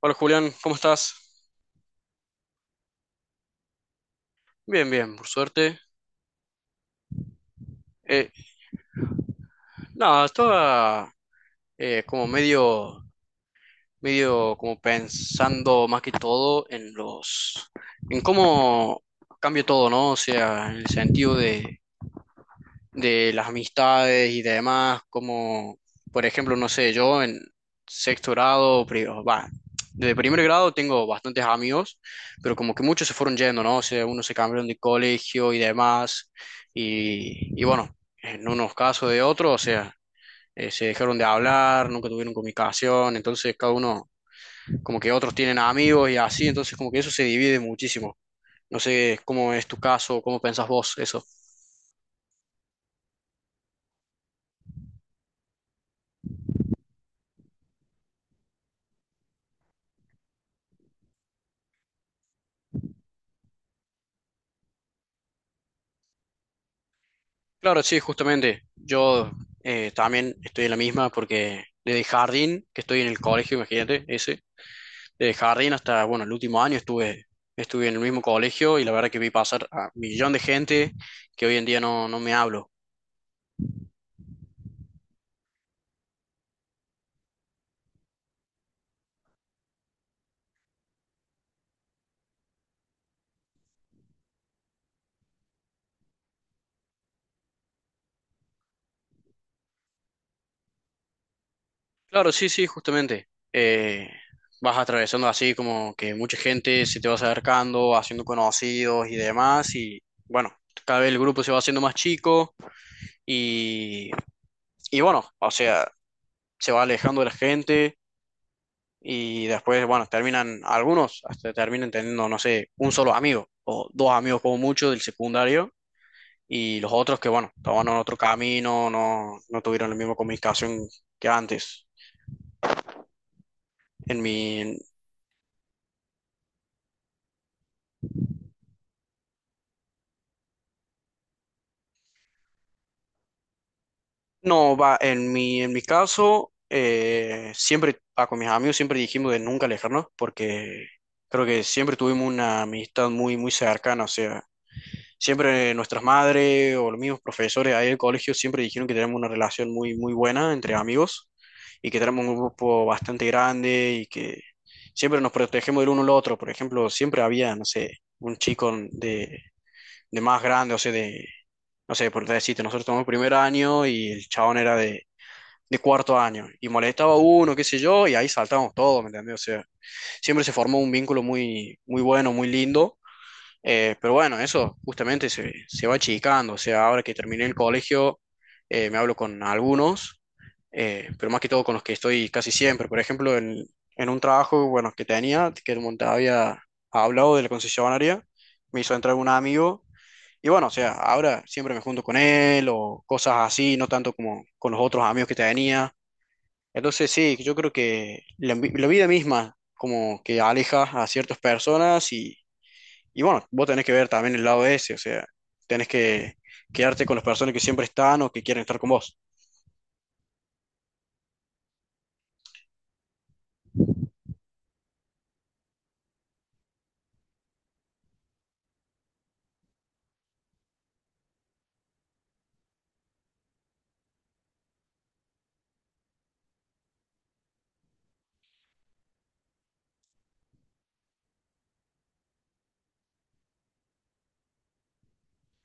Hola Julián, ¿cómo estás? Bien, bien, por suerte. Eh, no, estaba como medio, medio como pensando más que todo en en cómo cambia todo, ¿no? O sea, en el sentido de las amistades y demás, como por ejemplo, no sé, yo en sexto grado, desde primer grado tengo bastantes amigos, pero como que muchos se fueron yendo, ¿no? O sea, unos se cambiaron de colegio y demás, y bueno, en unos casos de otros, o sea, se dejaron de hablar, nunca tuvieron comunicación, entonces cada uno, como que otros tienen amigos y así, entonces como que eso se divide muchísimo. No sé cómo es tu caso, cómo pensás vos eso. Claro, sí, justamente. Yo también estoy en la misma porque desde jardín, que estoy en el colegio, imagínate, desde jardín hasta, bueno, el último año estuve en el mismo colegio y la verdad que vi pasar a un millón de gente que hoy en día no me hablo. Claro, sí, sí, justamente. Vas atravesando así como que mucha gente se te va acercando, haciendo conocidos y demás y bueno, cada vez el grupo se va haciendo más chico y... Y bueno, o sea, se va alejando de la gente y después, bueno, terminan, algunos hasta terminan teniendo, no sé, un solo amigo o dos amigos como mucho del secundario y los otros que, bueno, tomaron otro camino, no tuvieron la misma comunicación que antes. En mi, no, va, en mi caso, siempre, con mis amigos siempre dijimos de nunca alejarnos porque creo que siempre tuvimos una amistad muy, muy cercana, o sea. Siempre nuestras madres o los mismos profesores ahí del colegio siempre dijeron que tenemos una relación muy, muy buena entre amigos y que tenemos un grupo bastante grande y que siempre nos protegemos del uno al otro. Por ejemplo, siempre había, no sé, un chico de más grande, o sea, de, no sé, por decirte, nosotros tomamos primer año y el chabón era de cuarto año y molestaba a uno, qué sé yo, y ahí saltábamos todos, ¿me entendés? O sea, siempre se formó un vínculo muy, muy bueno, muy lindo, pero bueno, eso justamente se va achicando. O sea, ahora que terminé el colegio, me hablo con algunos, pero más que todo con los que estoy casi siempre. Por ejemplo, en un trabajo, bueno, que tenía, que te había hablado de la concesionaria, me hizo entrar un amigo. Y bueno, o sea, ahora siempre me junto con él o cosas así, no tanto como con los otros amigos que tenía. Entonces sí, yo creo que la vida misma como que aleja a ciertas personas y bueno, vos tenés que ver también el lado ese, o sea, tenés que quedarte con las personas que siempre están o que quieren estar con vos.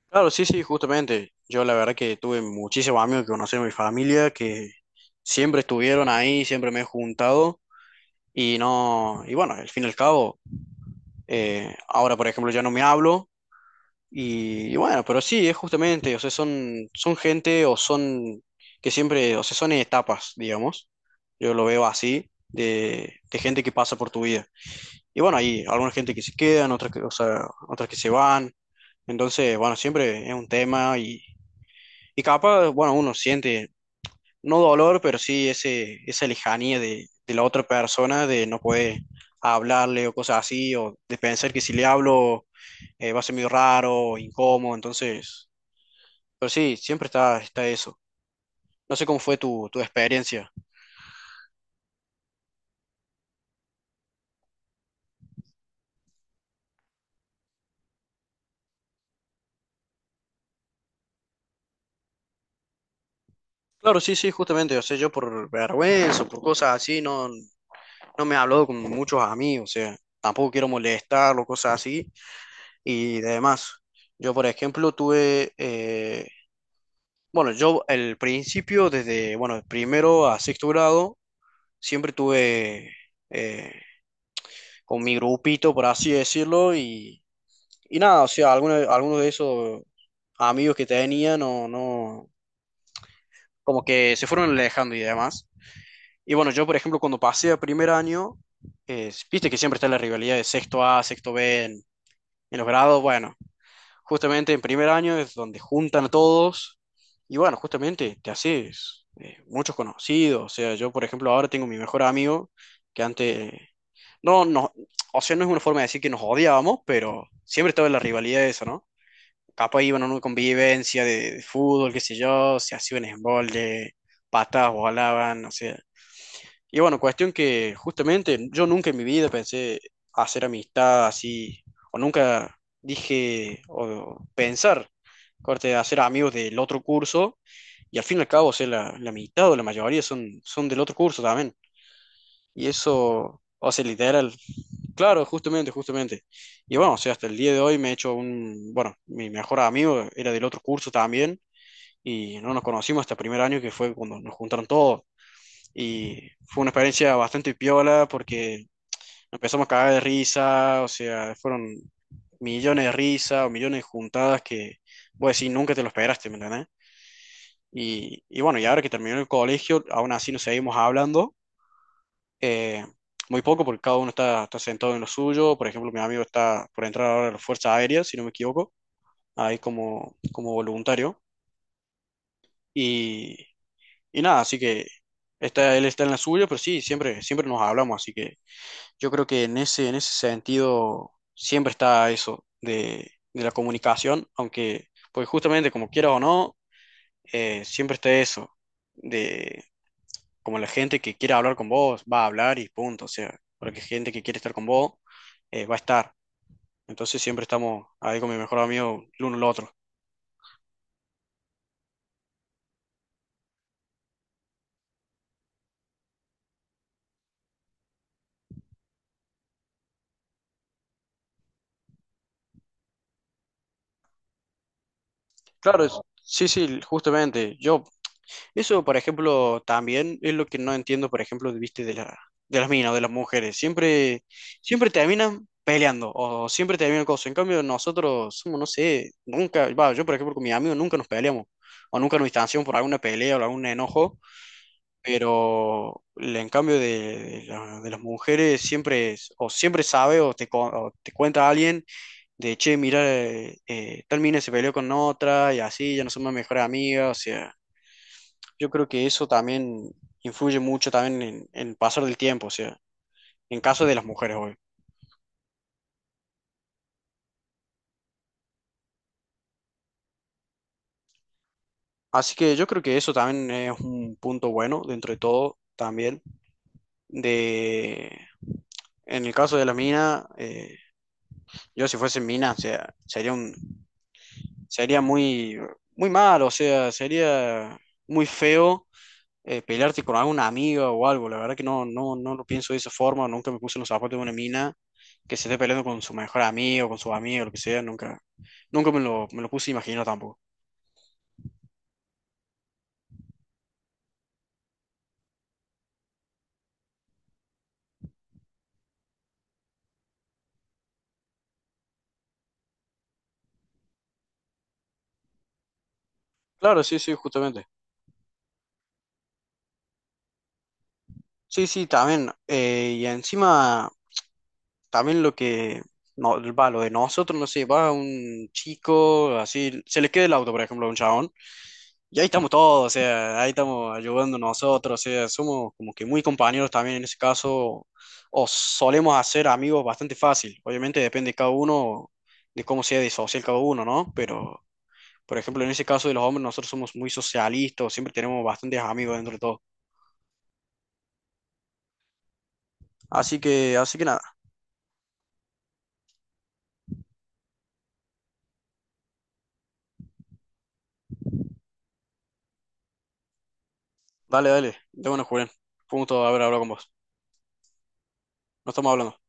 Claro, sí, sí, justamente. Yo la verdad que tuve muchísimos amigos que conocí en mi familia, que siempre estuvieron ahí, siempre me he juntado y no, y bueno, al fin y al cabo, ahora por ejemplo ya no me hablo y bueno, pero sí, es justamente, o sea, son gente o son que siempre, o sea, son etapas, digamos. Yo lo veo así, de gente que pasa por tu vida. Y bueno, hay alguna gente que se quedan, otras que, o sea, otras que se van. Entonces, bueno, siempre es un tema y capaz, bueno, uno siente, no dolor, pero sí esa lejanía de la otra persona, de no poder hablarle o cosas así, o de pensar que si le hablo va a ser medio raro, incómodo, entonces, pero sí, siempre está eso. No sé cómo fue tu experiencia. Claro, sí, sí, justamente, o sea, yo por vergüenza, por cosas así, no me he hablado con muchos amigos, o sea, tampoco quiero molestar o cosas así y demás. Yo, por ejemplo, tuve, bueno, yo el principio, desde, bueno, de primero a sexto grado, siempre tuve eh, con mi grupito, por así decirlo, y nada, o sea, algunos de esos amigos que tenía, no, no, como que se fueron alejando y demás. Y bueno, yo, por ejemplo, cuando pasé a primer año, viste que siempre está la rivalidad de sexto A, sexto B. En los grados, bueno, justamente en primer año es donde juntan a todos y bueno, justamente te haces muchos conocidos. O sea, yo por ejemplo ahora tengo mi mejor amigo que antes, no, no, o sea, no es una forma de decir que nos odiábamos, pero siempre estaba la rivalidad de eso, ¿no? Capaz iban a una convivencia de fútbol, qué sé yo, se hacían un embolde, patas volaban, no sé. Y bueno, cuestión que justamente yo nunca en mi vida pensé hacer amistad así, o nunca dije, o pensar, corte, hacer amigos del otro curso, y al fin y al cabo, o sea, la mitad o la mayoría son del otro curso también. Y eso, o sea, literal, claro, justamente, justamente. Y bueno, o sea, hasta el día de hoy me he hecho un, bueno, mi mejor amigo era del otro curso también, y no nos conocimos hasta el primer año que fue cuando nos juntaron todos y fue una experiencia bastante piola porque empezamos a cagar de risa, o sea, fueron millones de risas o millones de juntadas que, vos decís, nunca te lo esperaste, ¿me entendés? Y bueno, y ahora que terminó el colegio, aún así nos seguimos hablando, eh, muy poco porque cada uno está sentado en lo suyo, por ejemplo, mi amigo está por entrar ahora a las Fuerzas Aéreas, si no me equivoco, ahí como voluntario, y, y nada, así que está, él está en la suya, pero sí, siempre, siempre nos hablamos, así que... Yo creo que en ese sentido siempre está eso de la comunicación, aunque, pues justamente como quiera o no, siempre está eso de como la gente que quiera hablar con vos va a hablar y punto, o sea, porque gente que quiere estar con vos va a estar. Entonces siempre estamos ahí con mi mejor amigo el uno el otro. Claro, sí, sí, justamente. Yo Eso, por ejemplo, también es lo que no entiendo, por ejemplo, viste, de las minas o de las mujeres. Siempre terminan peleando o siempre terminan cosas. En cambio, nosotros somos, no sé, nunca, va, yo, por ejemplo, con mis amigos nunca nos peleamos o nunca nos distanciamos por alguna pelea o algún enojo, pero en cambio de las mujeres siempre, o siempre sabe o te cuenta alguien de, che, mira, tal mina se peleó con otra y así, ya no somos mejores amigas, o sea. Yo creo que eso también influye mucho también en el pasar del tiempo, o sea, en caso de las mujeres hoy. Así que yo creo que eso también es un punto bueno dentro de todo también. De, en el caso de la mina, yo si fuese mina, o sea, sería un, sería muy, muy mal, o sea, sería muy feo, pelearte con alguna amiga o algo. La verdad que no, no, no lo pienso de esa forma. Nunca me puse en los zapatos de una mina que se esté peleando con su mejor amigo, con su amigo, lo que sea. Nunca, nunca me lo puse a imaginar tampoco. Claro, sí, sí, justamente. Sí, sí, también. Y encima, también lo que no, va, lo de nosotros, no sé, va un chico, así, se le queda el auto, por ejemplo, a un chabón. Y ahí estamos todos, o sea, ahí estamos ayudando nosotros, o sea, somos como que muy compañeros también en ese caso, o solemos hacer amigos bastante fácil. Obviamente depende de cada uno, de cómo sea de social cada uno, ¿no? Pero, por ejemplo, en ese caso de los hombres, nosotros somos muy socialistas, siempre tenemos bastantes amigos dentro de todo. Así que nada, dale, dale, de bueno, Julián. Fue un gusto haber hablado con vos. No estamos hablando.